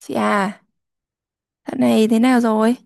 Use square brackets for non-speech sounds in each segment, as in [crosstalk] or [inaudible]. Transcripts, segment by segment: Chị à, dạo này thế nào rồi?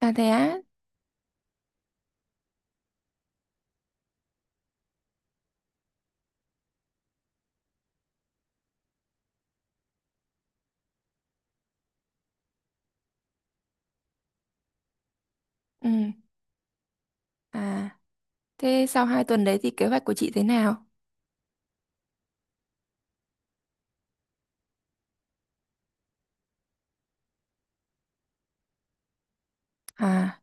À thế á? Ừ. À, thế sau 2 tuần đấy thì kế hoạch của chị thế nào? À,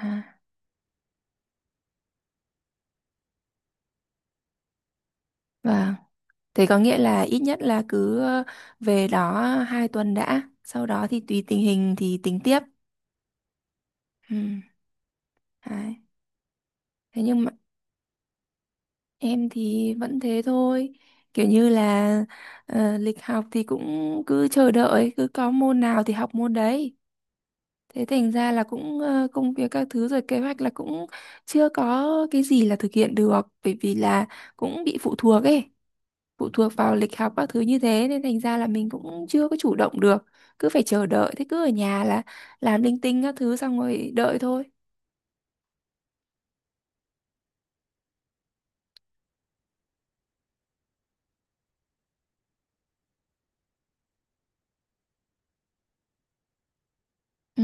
à, vâng. Thế có nghĩa là ít nhất là cứ về đó 2 tuần đã, sau đó thì tùy tình hình thì tính tiếp. Ừ. Đấy. Thế nhưng mà em thì vẫn thế thôi. Kiểu như là lịch học thì cũng cứ chờ đợi, cứ có môn nào thì học môn đấy. Thế thành ra là cũng công việc các thứ rồi kế hoạch là cũng chưa có cái gì là thực hiện được, bởi vì là cũng bị phụ thuộc ấy, phụ thuộc vào lịch học các thứ như thế nên thành ra là mình cũng chưa có chủ động được, cứ phải chờ đợi, thế cứ ở nhà là làm linh tinh các thứ xong rồi đợi thôi. Ừ,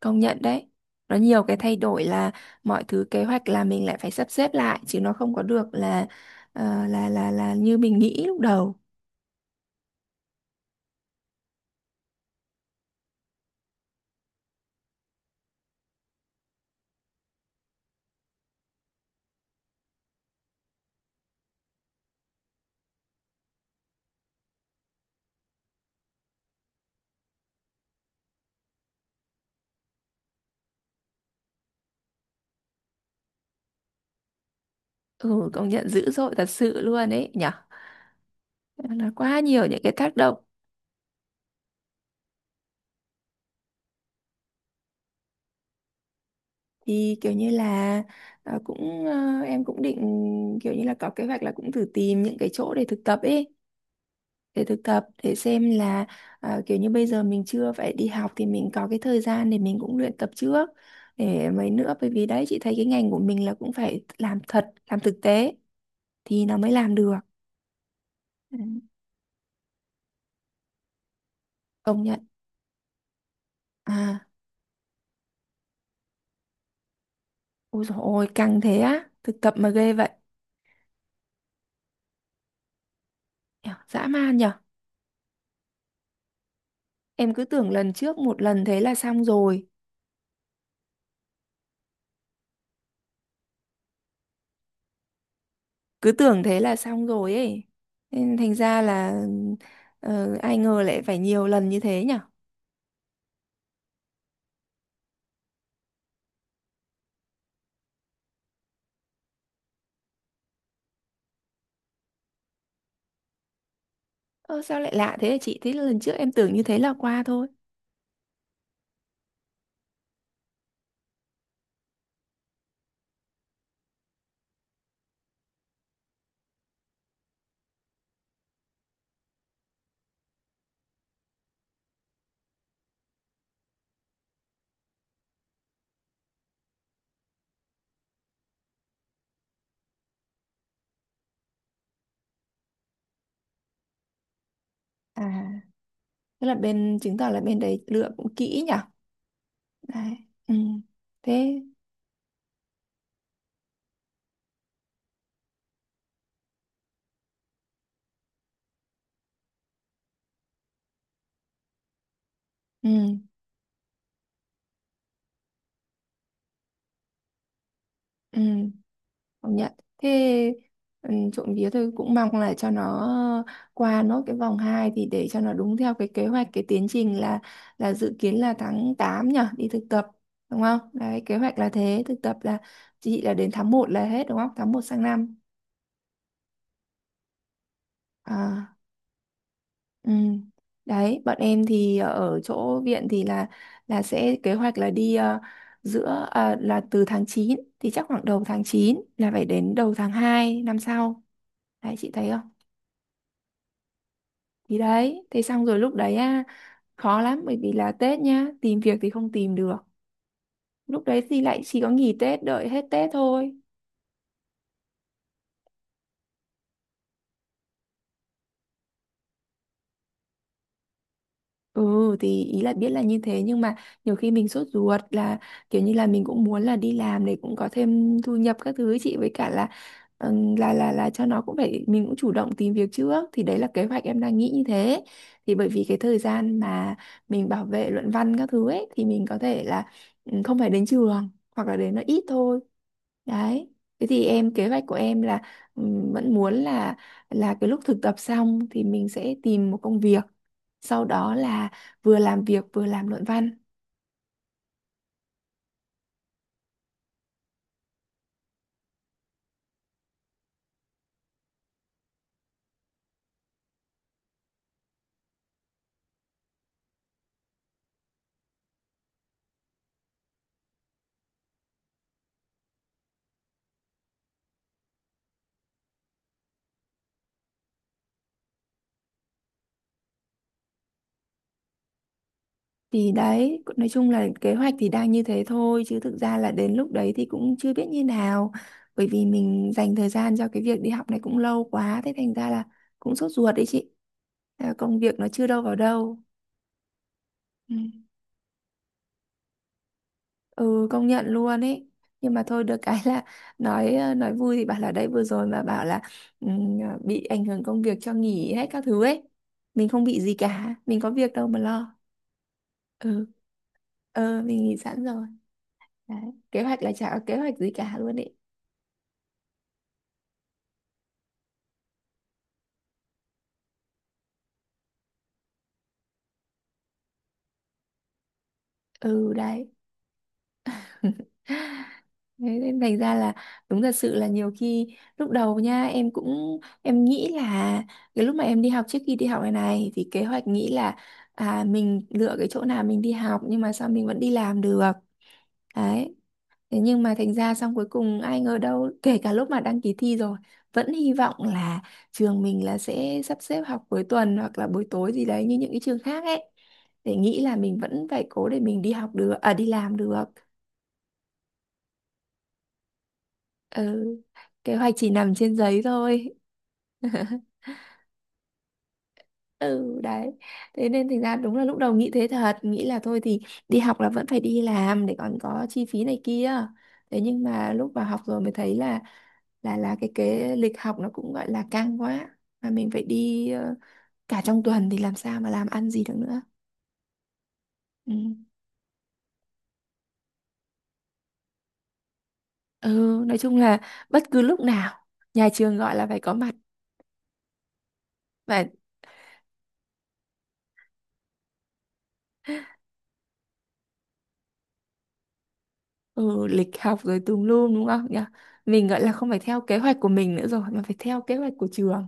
công nhận đấy. Nó nhiều cái thay đổi là mọi thứ kế hoạch là mình lại phải sắp xếp lại chứ nó không có được là là như mình nghĩ lúc đầu. Ừ, công nhận dữ dội thật sự luôn ấy nhỉ. Là quá nhiều những cái tác động. Thì kiểu như là cũng em cũng định kiểu như là có kế hoạch là cũng thử tìm những cái chỗ để thực tập ấy, để thực tập, để xem là kiểu như bây giờ mình chưa phải đi học thì mình có cái thời gian để mình cũng luyện tập trước để mấy nữa, bởi vì đấy chị thấy cái ngành của mình là cũng phải làm thật, làm thực tế thì nó mới làm được. Ừ. Công nhận. À ôi dồi ôi căng thế á, thực tập mà ghê vậy. Nhở, dã man nhở. Em cứ tưởng lần trước một lần thế là xong rồi, cứ tưởng thế là xong rồi ấy, nên thành ra là ai ngờ lại phải nhiều lần như thế nhở. Ơ sao lại lạ thế hả chị, thế lần trước em tưởng như thế là qua thôi. À tức là bên, chứng tỏ là bên đấy lựa cũng kỹ nhở. Đấy. Ừ. Thế. Ừ. Ừ công nhận. Thế. Ừ, trộm vía tôi cũng mong là cho nó qua nốt cái vòng 2 thì để cho nó đúng theo cái kế hoạch, cái tiến trình là dự kiến là tháng 8 nhở, đi thực tập, đúng không, đấy kế hoạch là thế. Thực tập là chị là đến tháng 1 là hết đúng không, tháng 1 sang năm. À, ừ. Đấy bọn em thì ở chỗ viện thì là sẽ kế hoạch là đi giữa, à, là từ tháng 9 thì chắc khoảng đầu tháng 9 là phải đến đầu tháng 2 năm sau, đấy chị thấy không. Thì đấy, thế xong rồi lúc đấy á, khó lắm bởi vì là Tết nhá, tìm việc thì không tìm được. Lúc đấy thì lại chỉ có nghỉ Tết, đợi hết Tết thôi. Ừ thì ý là biết là như thế nhưng mà nhiều khi mình sốt ruột là kiểu như là mình cũng muốn là đi làm để cũng có thêm thu nhập các thứ ấy chị, với cả là là cho nó cũng phải, mình cũng chủ động tìm việc trước, thì đấy là kế hoạch em đang nghĩ như thế. Thì bởi vì cái thời gian mà mình bảo vệ luận văn các thứ ấy thì mình có thể là không phải đến trường hoặc là đến nó ít thôi, đấy. Thế thì em kế hoạch của em là vẫn muốn là cái lúc thực tập xong thì mình sẽ tìm một công việc, sau đó là vừa làm việc vừa làm luận văn. Thì đấy nói chung là kế hoạch thì đang như thế thôi chứ thực ra là đến lúc đấy thì cũng chưa biết như nào, bởi vì mình dành thời gian cho cái việc đi học này cũng lâu quá, thế thành ra là cũng sốt ruột đấy chị. À, công việc nó chưa đâu vào đâu. Ừ, ừ công nhận luôn ấy. Nhưng mà thôi được cái là [laughs] nói vui thì bảo là đấy vừa rồi mà bảo là bị ảnh hưởng công việc cho nghỉ hết các thứ ấy, mình không bị gì cả, mình có việc đâu mà lo. Ừ. ờ mình nghỉ sẵn rồi. Đấy. Kế hoạch là chả có kế hoạch gì cả luôn ấy. Ừ đấy. [laughs] Thế nên thành ra là đúng thật sự là nhiều khi lúc đầu nha em cũng em nghĩ là cái lúc mà em đi học, trước khi đi học này này thì kế hoạch nghĩ là à mình lựa cái chỗ nào mình đi học nhưng mà sao mình vẫn đi làm được, đấy. Thế nhưng mà thành ra xong cuối cùng ai ngờ đâu kể cả lúc mà đăng ký thi rồi vẫn hy vọng là trường mình là sẽ sắp xếp học cuối tuần hoặc là buổi tối gì đấy như những cái trường khác ấy, để nghĩ là mình vẫn phải cố để mình đi học được, à đi làm được. Ừ. Kế hoạch chỉ nằm trên giấy thôi. Ừ đấy. Thế nên thành ra đúng là lúc đầu nghĩ thế thật, nghĩ là thôi thì đi học là vẫn phải đi làm để còn có chi phí này kia. Thế nhưng mà lúc vào học rồi mới thấy là là cái lịch học nó cũng gọi là căng quá, mà mình phải đi cả trong tuần thì làm sao mà làm ăn gì được nữa. Ừ. Ừ nói chung là bất cứ lúc nào nhà trường gọi là phải có mặt. Và ừ, lịch học rồi tùm lum đúng không nhỉ, mình gọi là không phải theo kế hoạch của mình nữa rồi mà phải theo kế hoạch của trường.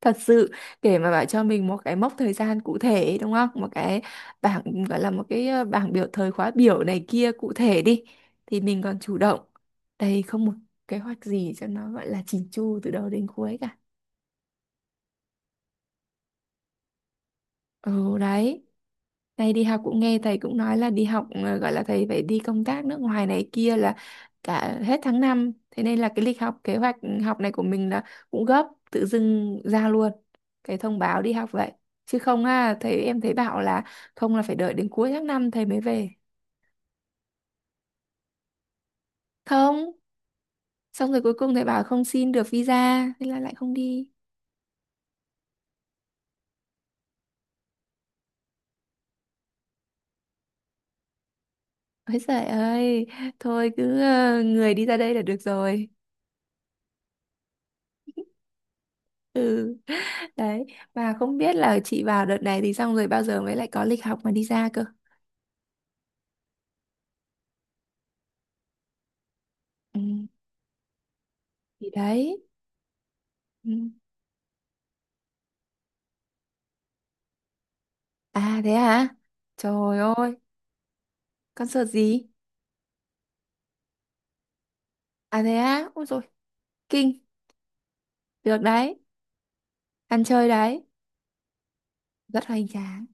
Thật sự. Để mà bảo cho mình một cái mốc thời gian cụ thể ấy, đúng không, một cái bảng, gọi là một cái bảng biểu thời khóa biểu này kia cụ thể đi thì mình còn chủ động. Đây không một kế hoạch gì cho nó gọi là chỉn chu từ đầu đến cuối cả. Ừ đấy. Thầy đi học cũng nghe thầy cũng nói là đi học, gọi là thầy phải đi công tác nước ngoài này kia là cả hết tháng 5, thế nên là cái lịch học, kế hoạch học này của mình là cũng gấp tự dưng ra luôn cái thông báo đi học vậy chứ không. À thầy em thấy bảo là không, là phải đợi đến cuối tháng 5 thầy mới về. Không, xong rồi cuối cùng thầy bảo không xin được visa thế là lại không đi. Ôi trời ơi. Thôi cứ người đi ra đây là được rồi. [laughs] Ừ. Đấy, mà không biết là chị vào đợt này thì xong rồi bao giờ mới lại có lịch học mà đi ra cơ. Ừ, thì đấy. Ừ. À thế hả? Trời ơi, concert gì? À thế á? Ôi rồi kinh. Được đấy, ăn chơi đấy. Rất hoành tráng.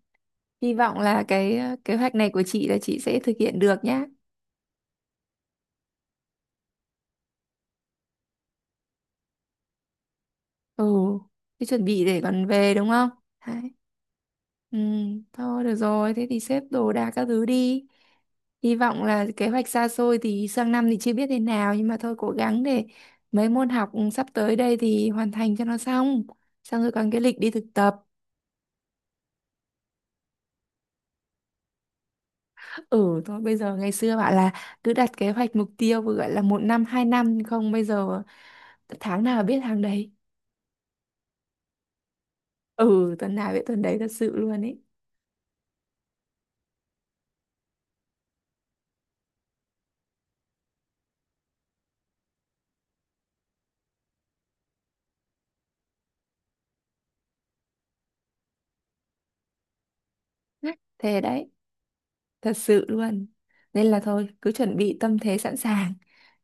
Hy vọng là cái kế hoạch này của chị là chị sẽ thực hiện được nhá. Ừ, thế chuẩn bị để còn về đúng không, đấy. Ừ thôi được rồi thế thì xếp đồ đạc các thứ đi, hy vọng là kế hoạch xa xôi thì sang năm thì chưa biết thế nào nhưng mà thôi cố gắng để mấy môn học sắp tới đây thì hoàn thành cho nó xong, xong rồi còn cái lịch đi thực tập. Ừ thôi bây giờ ngày xưa bảo là cứ đặt kế hoạch mục tiêu vừa gọi là một năm hai năm, nhưng không, bây giờ tháng nào biết tháng đấy. Ừ tuần nào biết tuần đấy thật sự luôn ấy. Thế đấy. Thật sự luôn, nên là thôi cứ chuẩn bị tâm thế sẵn sàng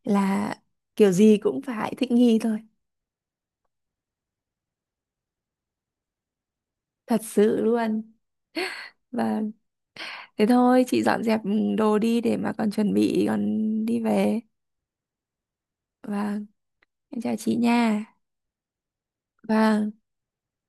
là kiểu gì cũng phải thích nghi thôi. Thật sự luôn. Và thế thôi chị dọn dẹp đồ đi để mà còn chuẩn bị, còn đi về. Và em chào chị nha. Và